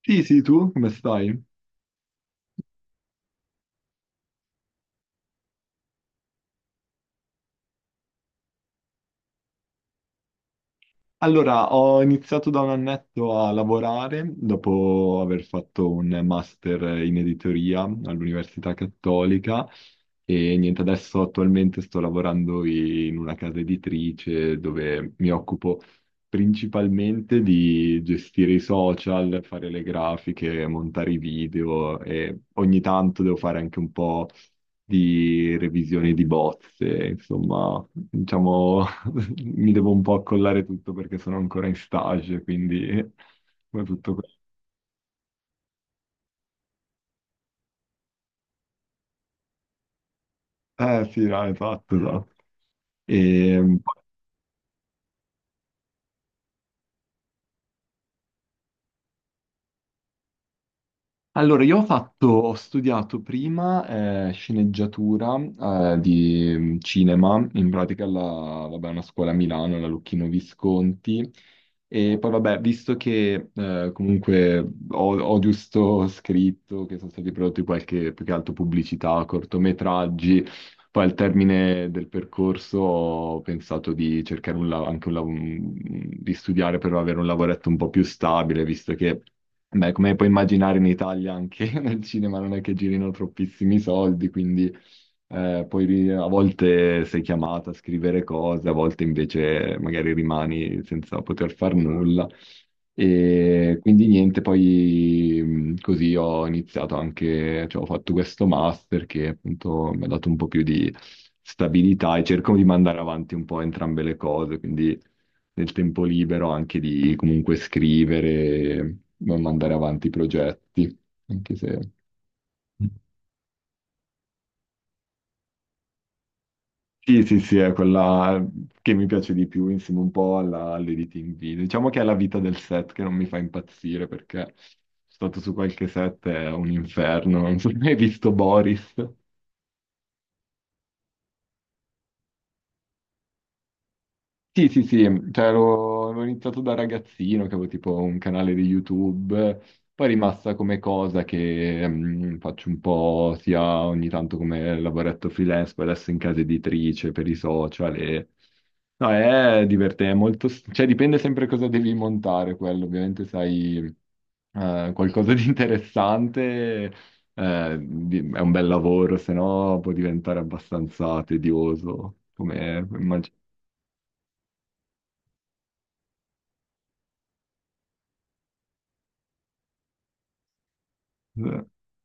Sì, sì, tu come stai? Allora, ho iniziato da un annetto a lavorare dopo aver fatto un master in editoria all'Università Cattolica e niente, adesso attualmente sto lavorando in una casa editrice dove mi occupo principalmente di gestire i social, fare le grafiche, montare i video e ogni tanto devo fare anche un po' di revisioni di bozze, insomma, diciamo mi devo un po' accollare tutto perché sono ancora in stage, quindi come tutto questo. Eh sì, no, esatto, esatto. E, Allora, io ho studiato prima sceneggiatura di cinema, in pratica vabbè, una scuola a Milano, alla Lucchino Visconti, e poi vabbè, visto che comunque ho giusto scritto che sono stati prodotti qualche, più che altro pubblicità, cortometraggi, poi al termine del percorso ho pensato di cercare un, la- anche un, lav- di studiare per avere un lavoretto un po' più stabile, visto che... Beh, come puoi immaginare in Italia anche nel cinema non è che girino troppissimi soldi, quindi poi a volte sei chiamata a scrivere cose, a volte invece magari rimani senza poter far nulla. E quindi niente, poi così ho iniziato anche, cioè ho fatto questo master che appunto mi ha dato un po' più di stabilità e cerco di mandare avanti un po' entrambe le cose, quindi nel tempo libero anche di comunque scrivere, ma mandare avanti i progetti, anche se... Sì, sì, sì, è quella che mi piace di più insieme un po' all'editing video. Diciamo che è la vita del set che non mi fa impazzire perché sono stato su qualche set, è un inferno. Non so se hai visto Boris. Sì, sì, sì, cioè avevo iniziato da ragazzino, che avevo tipo un canale di YouTube, poi è rimasta come cosa che faccio un po' sia ogni tanto come lavoretto freelance, poi adesso in casa editrice per i social e... No, è divertente, è molto... cioè dipende sempre cosa devi montare quello, ovviamente sai qualcosa di interessante, è un bel lavoro, se no può diventare abbastanza tedioso, come immagino.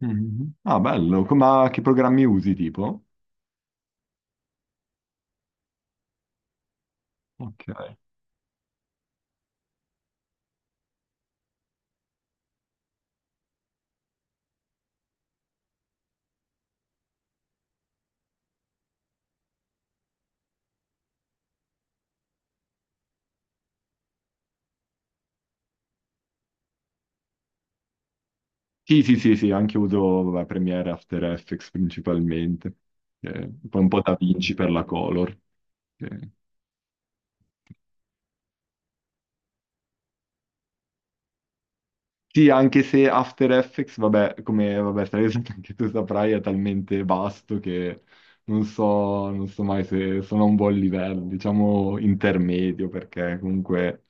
Mhm. Ah, bello. Ma che programmi usi, tipo? Ok. Sì, sì, sì, sì, anche uso vabbè, Premiere After Effects principalmente. Poi un po' da Vinci per la color. Eh. Sì, anche se After Effects, vabbè, come vabbè, sai, anche tu saprai, è talmente vasto che non so mai se sono a un buon livello, diciamo intermedio, perché comunque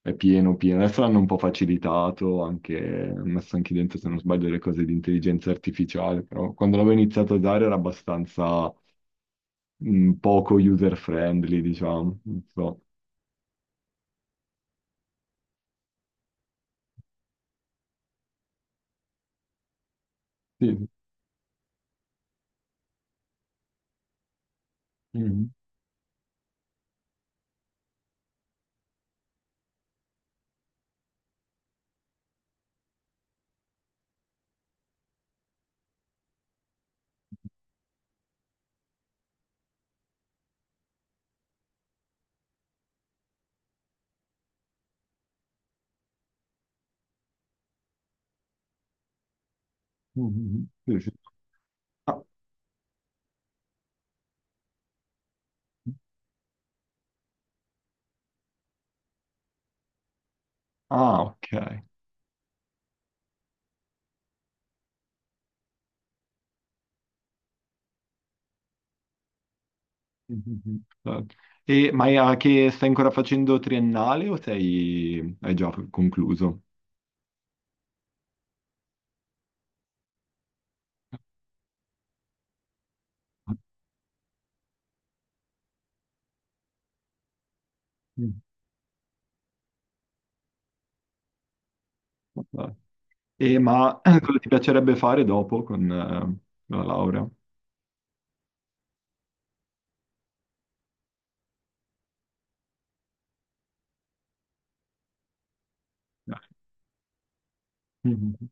è pieno, pieno. Adesso l'hanno un po' facilitato, anche, hanno messo anche dentro, se non sbaglio, le cose di intelligenza artificiale, però quando l'avevo iniziato a usare era abbastanza poco user-friendly, diciamo, non so. Sì. Mhm. Mhm. Sì, sì. Ah, ah, ok. Mhm. Ma è a che stai ancora facendo triennale o sei, hai già concluso? Mm. Eh, ma cosa ti piacerebbe fare dopo con la laurea? Mhm.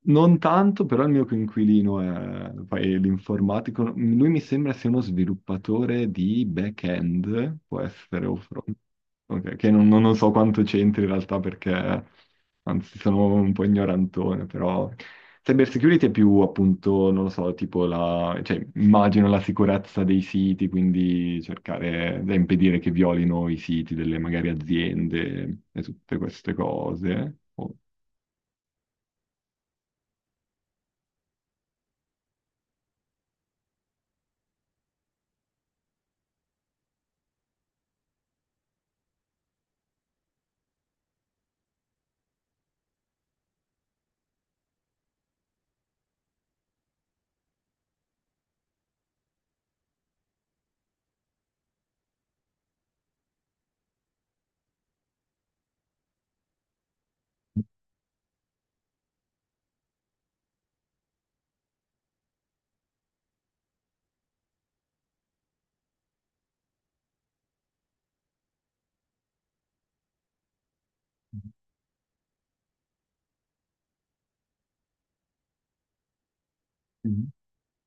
Non tanto, però il mio coinquilino è l'informatico. Lui mi sembra sia uno sviluppatore di back-end, può essere, o front. Ok, che non so quanto c'entri in realtà perché, anzi, sono un po' ignorantone, però cyber security è più appunto, non lo so, tipo la, cioè, immagino la sicurezza dei siti, quindi cercare da impedire che violino i siti delle magari aziende e tutte queste cose.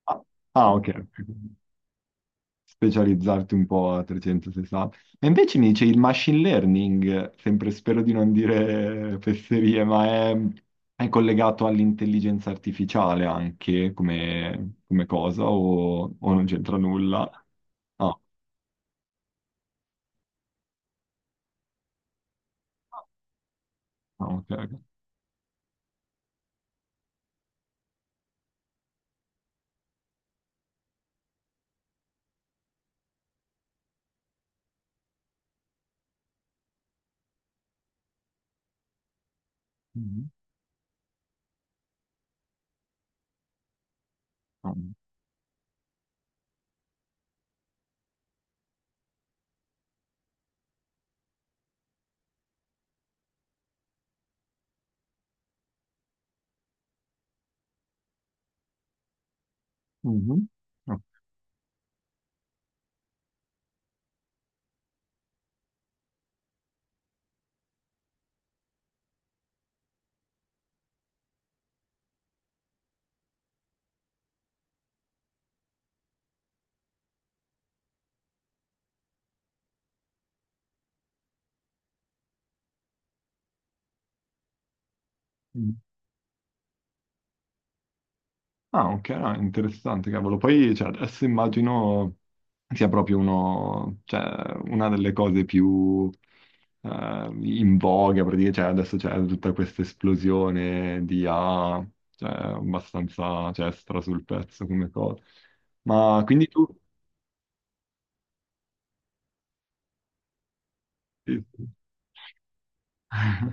Ah, ah, ok. Specializzarti un po' a 360. E invece mi dice il machine learning, sempre spero di non dire fesserie, ma è, è collegato all'intelligenza artificiale anche come cosa o non c'entra nulla? Ah, ah, ok. Ok. Mhm. Ah, mhm. Ah, mhm. Ah, ok, ah, interessante, cavolo. Poi, cioè, adesso immagino sia proprio uno, cioè, una delle cose più in voga, praticamente, cioè, adesso c'è tutta questa esplosione di AI, cioè, abbastanza, cioè, stra sul pezzo come cosa. Ma quindi tu... sì, sì.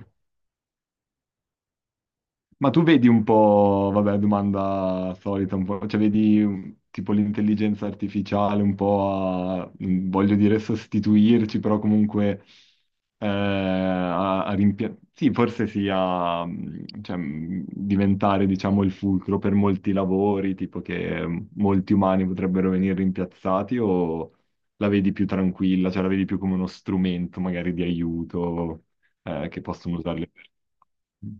Ma tu vedi un po', vabbè, domanda solita, un po', cioè vedi tipo l'intelligenza artificiale un po' a, voglio dire, sostituirci, però comunque Sì, forse sì, a cioè, diventare, diciamo, il fulcro per molti lavori, tipo che molti umani potrebbero venire rimpiazzati o la vedi più tranquilla, cioè la vedi più come uno strumento magari di aiuto che possono usare le persone?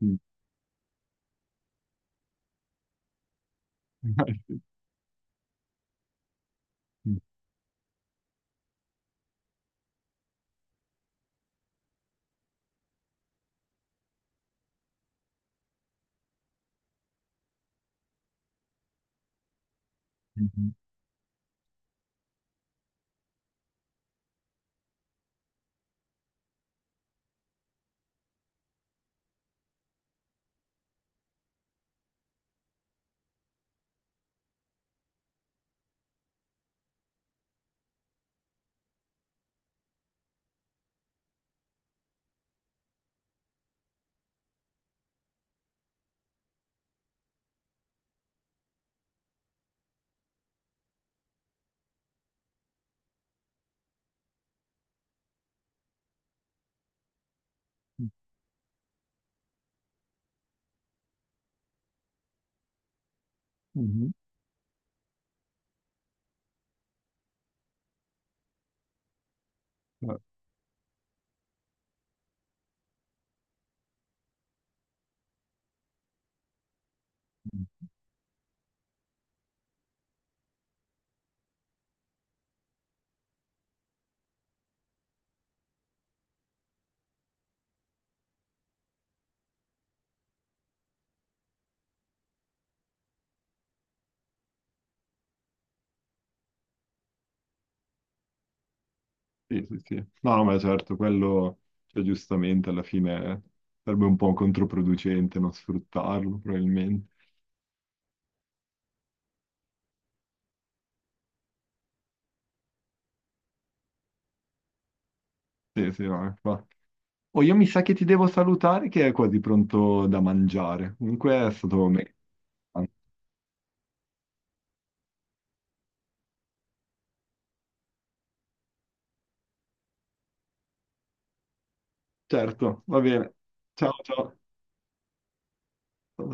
Mhm, mhm. Mhm. Eh, Sì, sì, sì. No, no, ma certo, quello, cioè, giustamente alla fine sarebbe un po' controproducente non sfruttarlo, probabilmente. Sì, sì, no, infatti. Oh, io mi sa che ti devo salutare che è quasi pronto da mangiare. Comunque è stato me. Certo, va bene. Ciao, ciao.